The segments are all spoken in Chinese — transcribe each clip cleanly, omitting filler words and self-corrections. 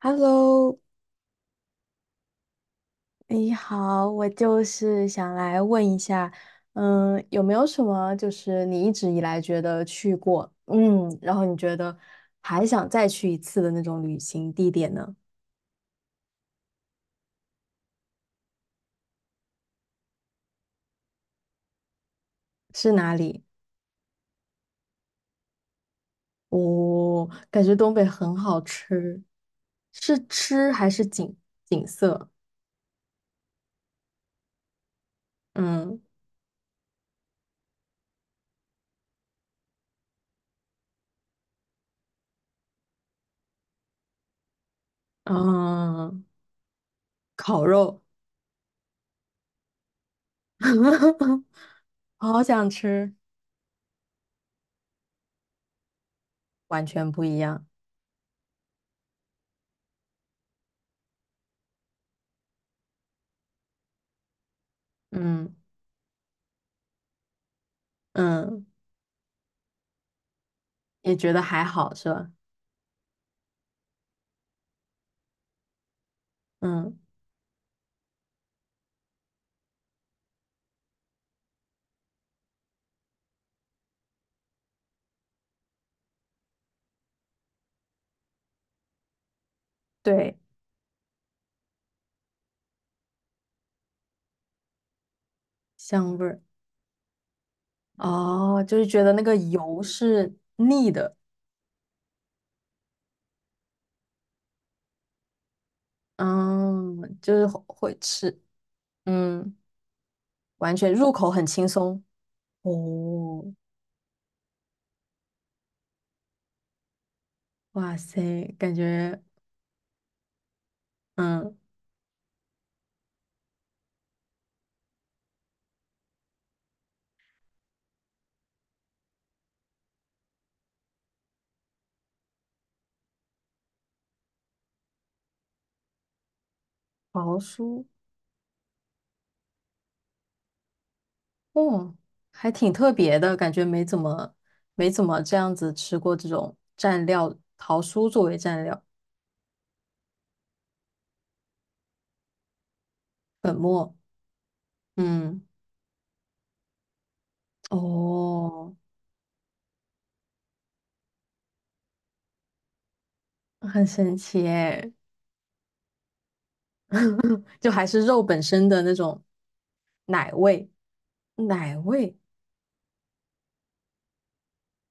Hello，哎你好，我就是想来问一下，有没有什么就是你一直以来觉得去过，然后你觉得还想再去一次的那种旅行地点呢？是哪里？哦，感觉东北很好吃，是吃还是景色？嗯嗯，烤肉，好想吃，完全不一样。嗯嗯，也觉得还好是吧？嗯。对，香味儿哦，就是觉得那个油是腻的，嗯，就是会吃，嗯，完全入口很轻松。哦，哇塞，感觉嗯，桃酥，哦，还挺特别的，感觉没怎么没怎么这样子吃过这种蘸料，桃酥作为蘸料，粉末，嗯，哦，很神奇诶，就还是肉本身的那种奶味。奶味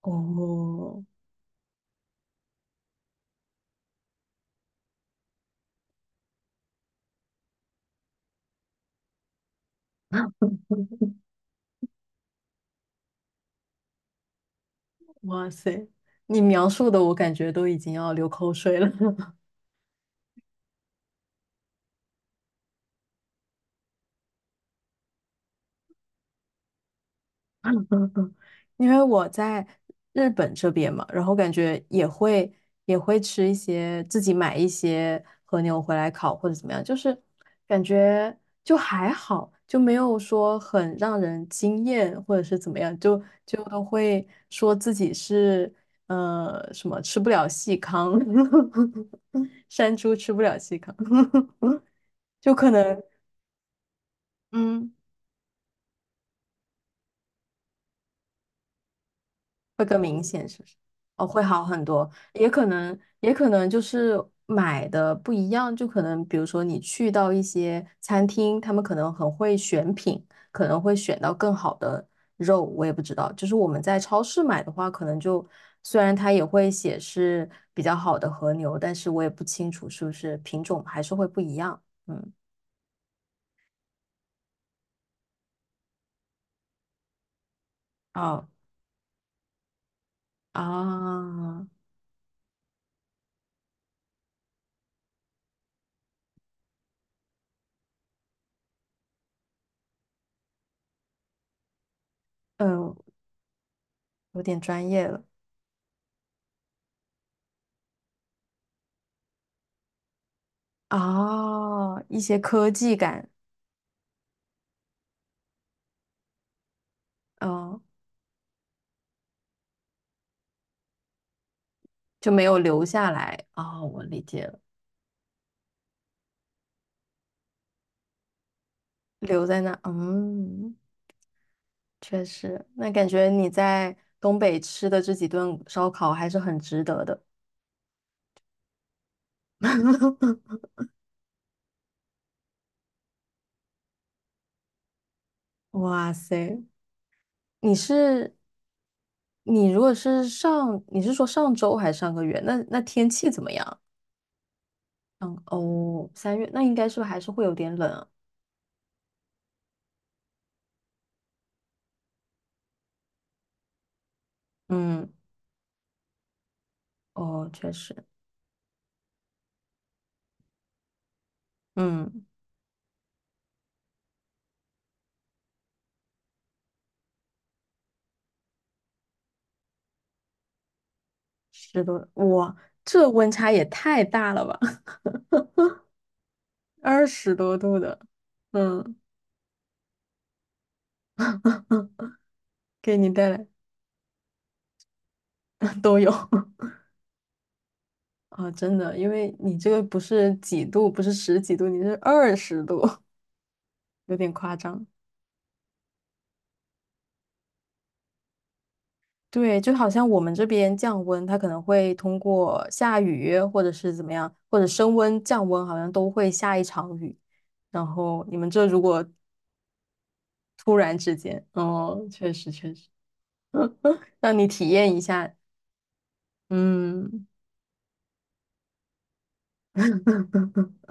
哦，哇塞！你描述的我感觉都已经要流口水了，因为我在日本这边嘛，然后感觉也会也会吃一些自己买一些和牛回来烤或者怎么样，就是感觉就还好，就没有说很让人惊艳或者是怎么样，就都会说自己是什么吃不了细糠，山猪吃不了细糠。就可能嗯，会更明显，是不是？哦，会好很多，也可能，也可能就是买的不一样，就可能比如说你去到一些餐厅，他们可能很会选品，可能会选到更好的肉，我也不知道。就是我们在超市买的话，可能就虽然它也会写是比较好的和牛，但是我也不清楚是不是品种还是会不一样。嗯，哦啊，嗯，有点专业了。哦，一些科技感，嗯，就没有留下来。哦，我理解了，留在那，嗯，确实，那感觉你在东北吃的这几顿烧烤还是很值得的。哇塞，你是你是，你是说上周还是上个月？那天气怎么样？嗯，哦，三月，那应该是不是还是会有点冷啊嗯，哦，确实，嗯。十多，哇，这温差也太大了吧！二十多度的，嗯，给你带来 都有 啊，真的，因为你这个不是几度，不是十几度，你是二十度，有点夸张。对，就好像我们这边降温，它可能会通过下雨或者是怎么样，或者升温、降温，好像都会下一场雨。然后你们这如果突然之间，哦，确实确实，让你体验一下，嗯。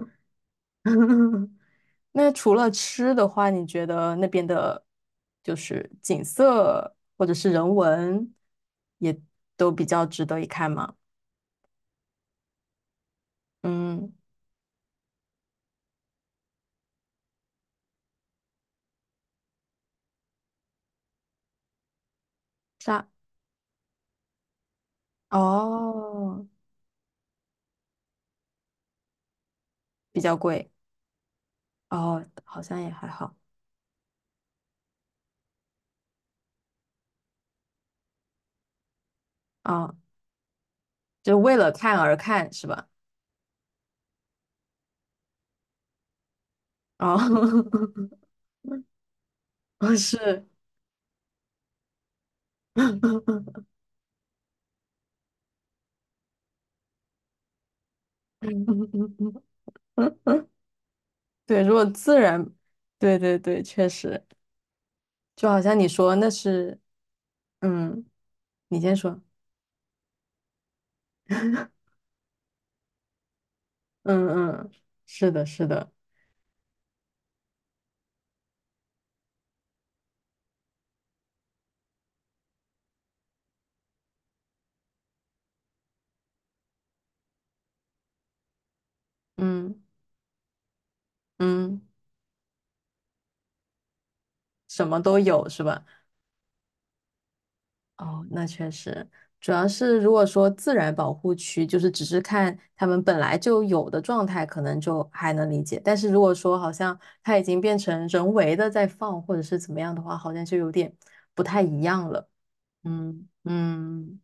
那除了吃的话，你觉得那边的，就是景色或者是人文，也都比较值得一看吗？嗯，沙，哦，比较贵，哦，好像也还好，啊，就为了看而看是吧？哦，哦是，对，如果自然，对对对，确实，就好像你说那是，嗯，你先说。嗯嗯，是的，是的，嗯嗯，什么都有是吧？哦，那确实，主要是如果说自然保护区，就是只是看他们本来就有的状态，可能就还能理解。但是如果说好像它已经变成人为的在放，或者是怎么样的话，好像就有点不太一样了。嗯嗯。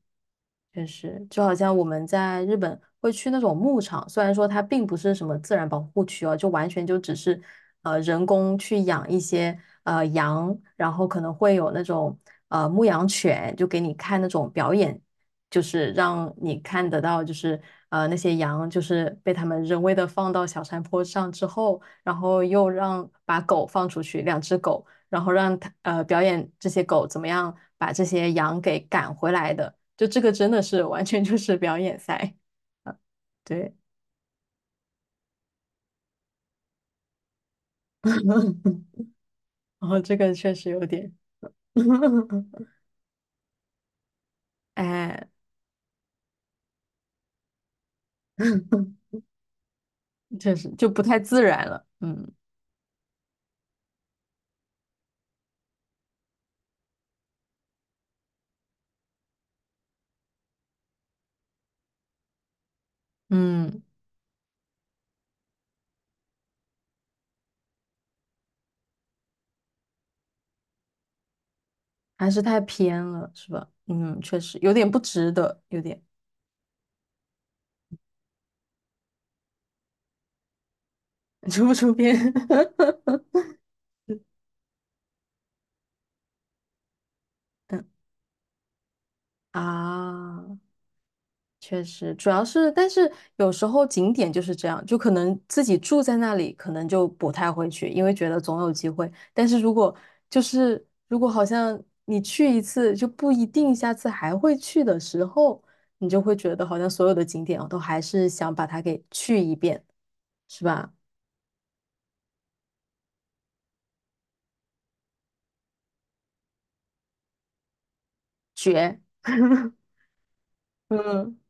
确实，就好像我们在日本会去那种牧场，虽然说它并不是什么自然保护区哦，就完全就只是人工去养一些羊，然后可能会有那种牧羊犬，就给你看那种表演，就是让你看得到，就是那些羊就是被他们人为的放到小山坡上之后，然后又让把狗放出去，两只狗，然后让它表演这些狗怎么样把这些羊给赶回来的。就这个真的是完全就是表演赛，对，然后这个确实有点 哎，确实就不太自然了，嗯嗯，还是太偏了，是吧？嗯，确实有点不值得，有点出 不出片 啊？确实，主要是，但是有时候景点就是这样，就可能自己住在那里，可能就不太会去，因为觉得总有机会。但是如果就是如果好像你去一次就不一定下次还会去的时候，你就会觉得好像所有的景点我都还是想把它给去一遍，是吧？绝。嗯。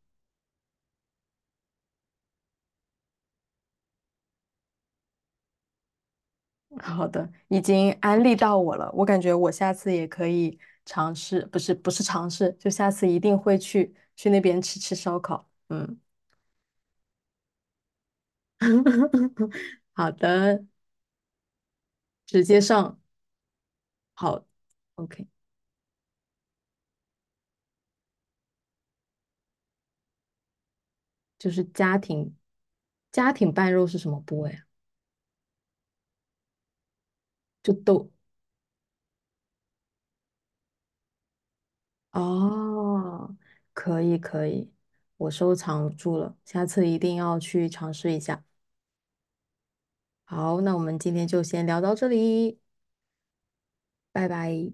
好的，已经安利到我了，我感觉我下次也可以尝试，不是不是尝试，就下次一定会去去那边吃吃烧烤。嗯，好的，直接上好，OK，就是家庭拌肉是什么部位啊？就都哦，可以可以，我收藏住了，下次一定要去尝试一下。好，那我们今天就先聊到这里，拜拜。